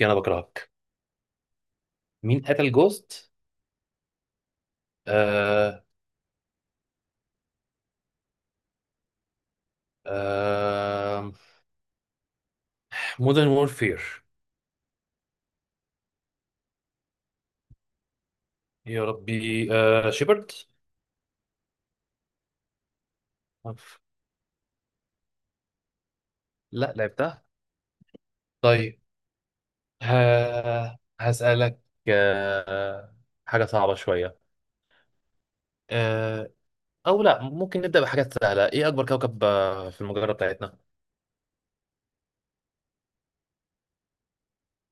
انا بكرهك. مين قتل جوست؟ آه. آه. مودرن وورفير. يا ربي، شيبرد. لا، لعبتها. طيب. ها، هسألك. آه. حاجة صعبة شوية. آه أو لا، ممكن نبدأ بحاجات سهلة. إيه أكبر كوكب في المجرة بتاعتنا؟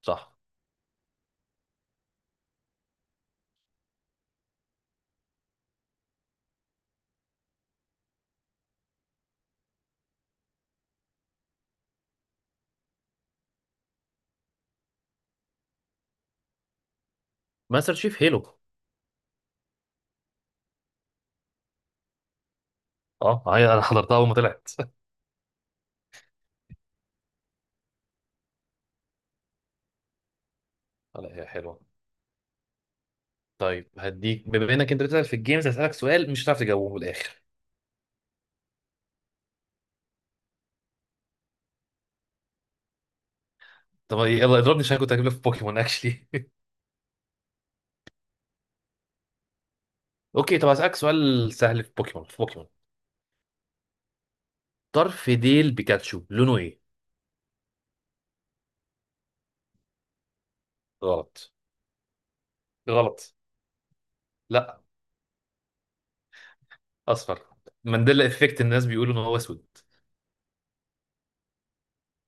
صح. ماستر شيف هيلو. أه، هي أنا حضرتها أول ما طلعت. لا، هي حلوة. طيب، هديك، بما إنك أنت بتسأل في الجيمز، هسألك سؤال مش هتعرف تجاوبه من الآخر. طب يلا اضربني، عشان كنت هجيب لك في بوكيمون اكشلي. اوكي، طب هسألك سؤال سهل في بوكيمون. في بوكيمون طرف ديل بيكاتشو لونه ايه؟ غلط. غلط. لا. اصفر. مانديلا افكت. الناس بيقولوا ان هو اسود.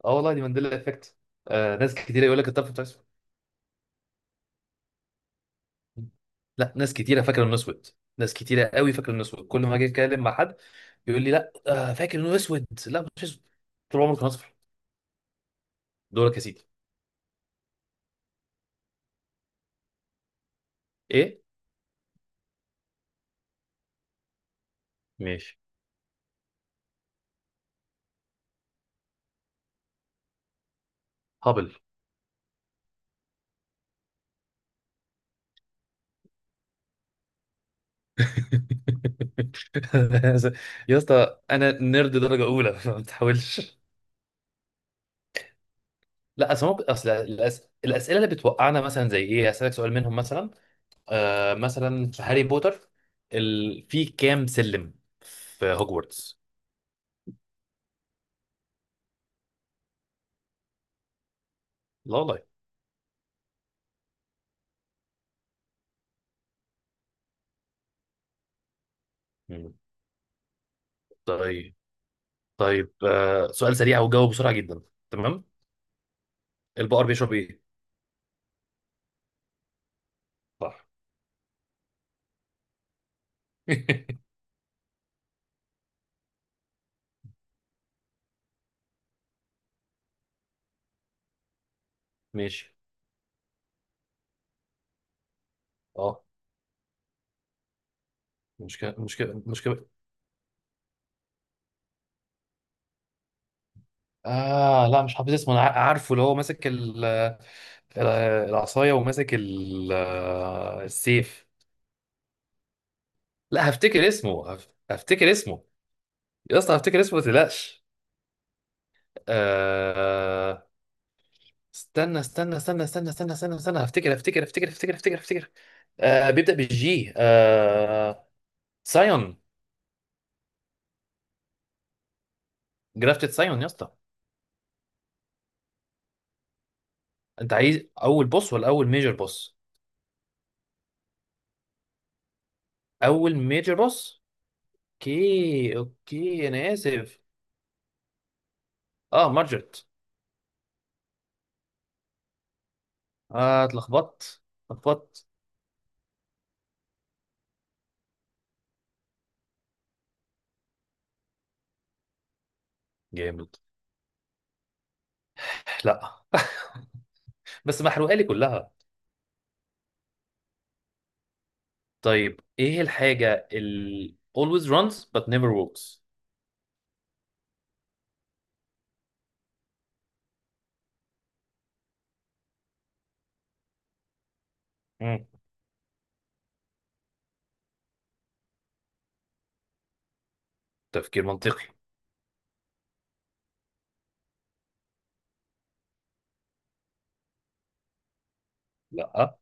اه والله، دي مانديلا افكت. ناس كتيره يقول لك الطرف بتاع اسود. لا، ناس كتيره فاكره انه اسود. ناس كتيره قوي فاكره انه اسود. كل ما اجي اتكلم مع حد يقول لي لا فاكر انه اسود. لا، مش اسود. طول عمره كان اصفر. دورك يا سيدي. ايه؟ ماشي. هابل. يا اسطى، انا نيرد درجه اولى، ما تحاولش. لا اصل، ممكن اصل الاسئله اللي بتوقعنا مثلا زي، ايه، اسالك سؤال منهم مثلا. مثلا في هاري بوتر، في كام سلم في هوجورتس؟ لا والله. مم. طيب. طيب، سؤال سريع، وجاوب بسرعه جدا. تمام. البقر بيشرب ايه؟ صح. ماشي. اه، مشكله مشكله مشكله. لا، مش حافظ اسمه. أنا عارفه اللي هو ماسك ال- العصاية، وماسك السيف. لا، هفتكر اسمه. هفتكر اسمه. يا اسطى هفتكر اسمه، ما تقلقش. آه. استنى استنى استنى استنى استنى استنى استنى، هفتكر هفتكر هفتكر هفتكر هفتكر هفتكر. بيبدأ بالجي. سايون. جرافتد سايون يا اسطى. انت عايز اول بوس ولا اول ميجر بوس؟ اول ميجر بوس. اوكي اوكي، انا اسف. اه، مارجرت. اه، اتلخبطت اتلخبطت. جامد. لا. بس محروقه لي كلها. طيب، ايه الحاجه اللي always runs but never walks؟ مم. تفكير منطقي. لا.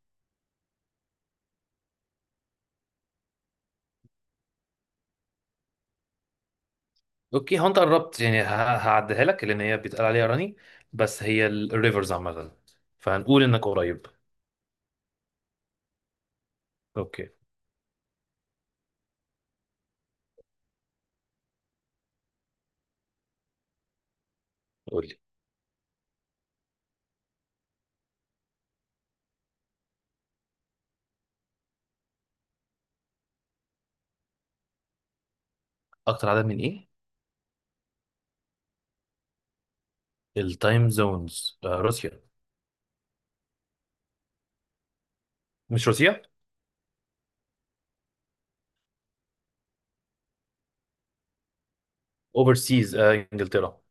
اوكي، هو انت قربت يعني، هعديها لك، لان هي بيتقال عليها راني، بس هي الريفرز عامه، فهنقول انك قريب. اوكي. قول لي. اكتر عدد من ايه؟ التايم زونز. روسيا. مش روسيا. اوفرسيز. انجلترا.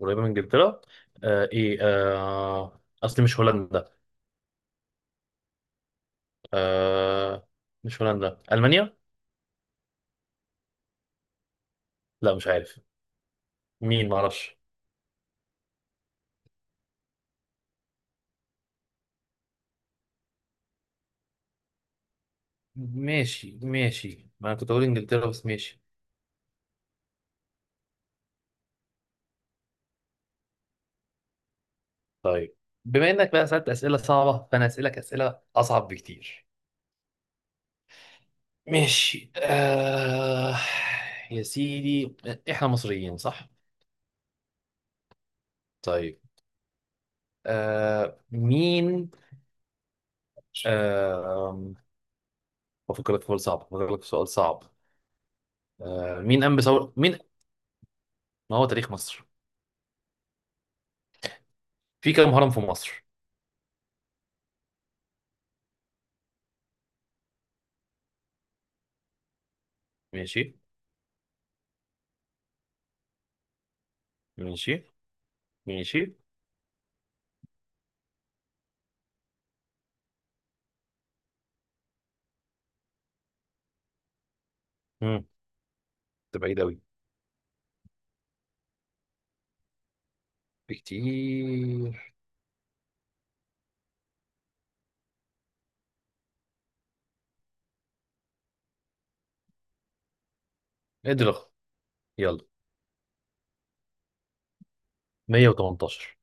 قريبه من انجلترا. آه ايه آه اصلي مش هولندا. آه. مش هولندا، ألمانيا. لا، مش عارف. مين؟ معرفش. ماشي ماشي، ما انا كنت اقول انجلترا، بس ماشي. طيب، بما انك بقى سألت اسئله صعبه، فانا اسالك اسئله اصعب بكتير. ماشي. يا سيدي، احنا مصريين صح؟ طيب. آه... مين آه... بفكر لك في سؤال صعب، بفكر لك في سؤال صعب. مين قام بثوره؟ مين؟ ما هو تاريخ مصر. في كام هرم في مصر؟ ماشي. ماشي. ماشي. ده بعيد أوي. بكتير. ادرخ. يلا. 118.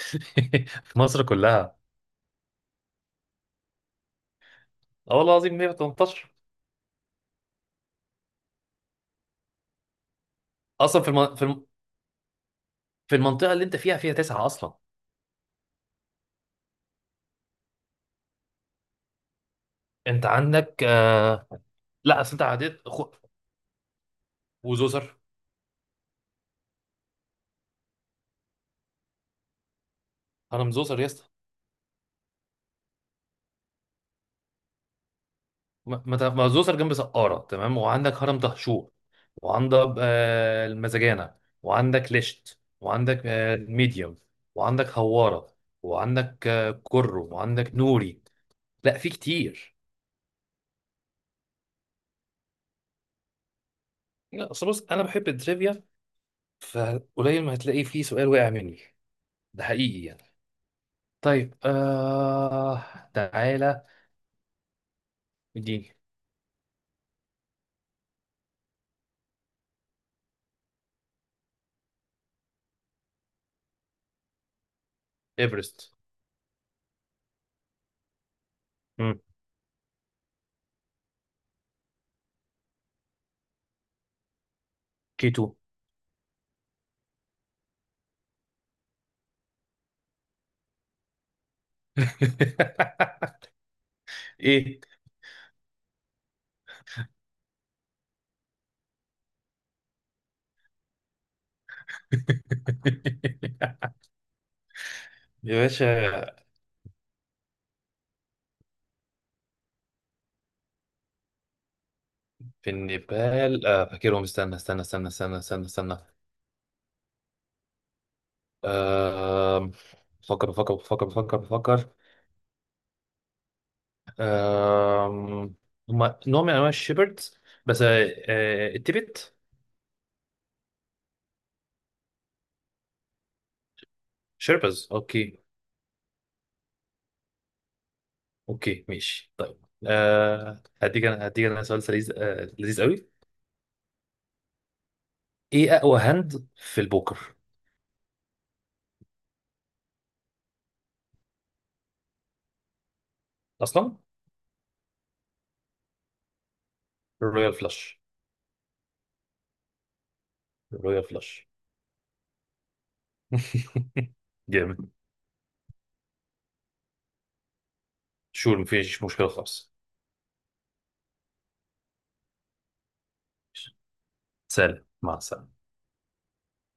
في مصر كلها. اه والله العظيم، 118. اصلا في المنطقه اللي انت فيها، فيها تسعه اصلا. انت عندك لا اصل، انت عديت وزوسر. هرم زوسر يا اسطى. ما زوسر جنب سقاره، تمام، وعندك هرم دهشور، وعندك المزجانه، وعندك ليشت، وعندك ميديوم، وعندك هواره، وعندك كرو، وعندك نوري. لا، في كتير. لا اصل، بص، انا بحب التريفيا، فقليل ما هتلاقي فيه سؤال وقع مني، ده حقيقي يعني. طيب، تعالى. اديني. ايفرست. امم. كيتو. ايه. يا باشا، في النيبال. فاكرهم. استنى استنى استنى استنى استنى استنى. آه بفكر بفكر بفكر بفكر بفكر. آه هم نوع من انواع الشيبردز، بس التبت. شيربز. اوكي اوكي ماشي طيب. هديك انا، هديك انا سؤال لذيذ، لذيذ قوي. ايه اقوى هاند في البوكر؟ اصلا. الرويال فلاش. الرويال فلاش. جامد. شور، مفيش مشكله خالص. سلام، مع السلامه.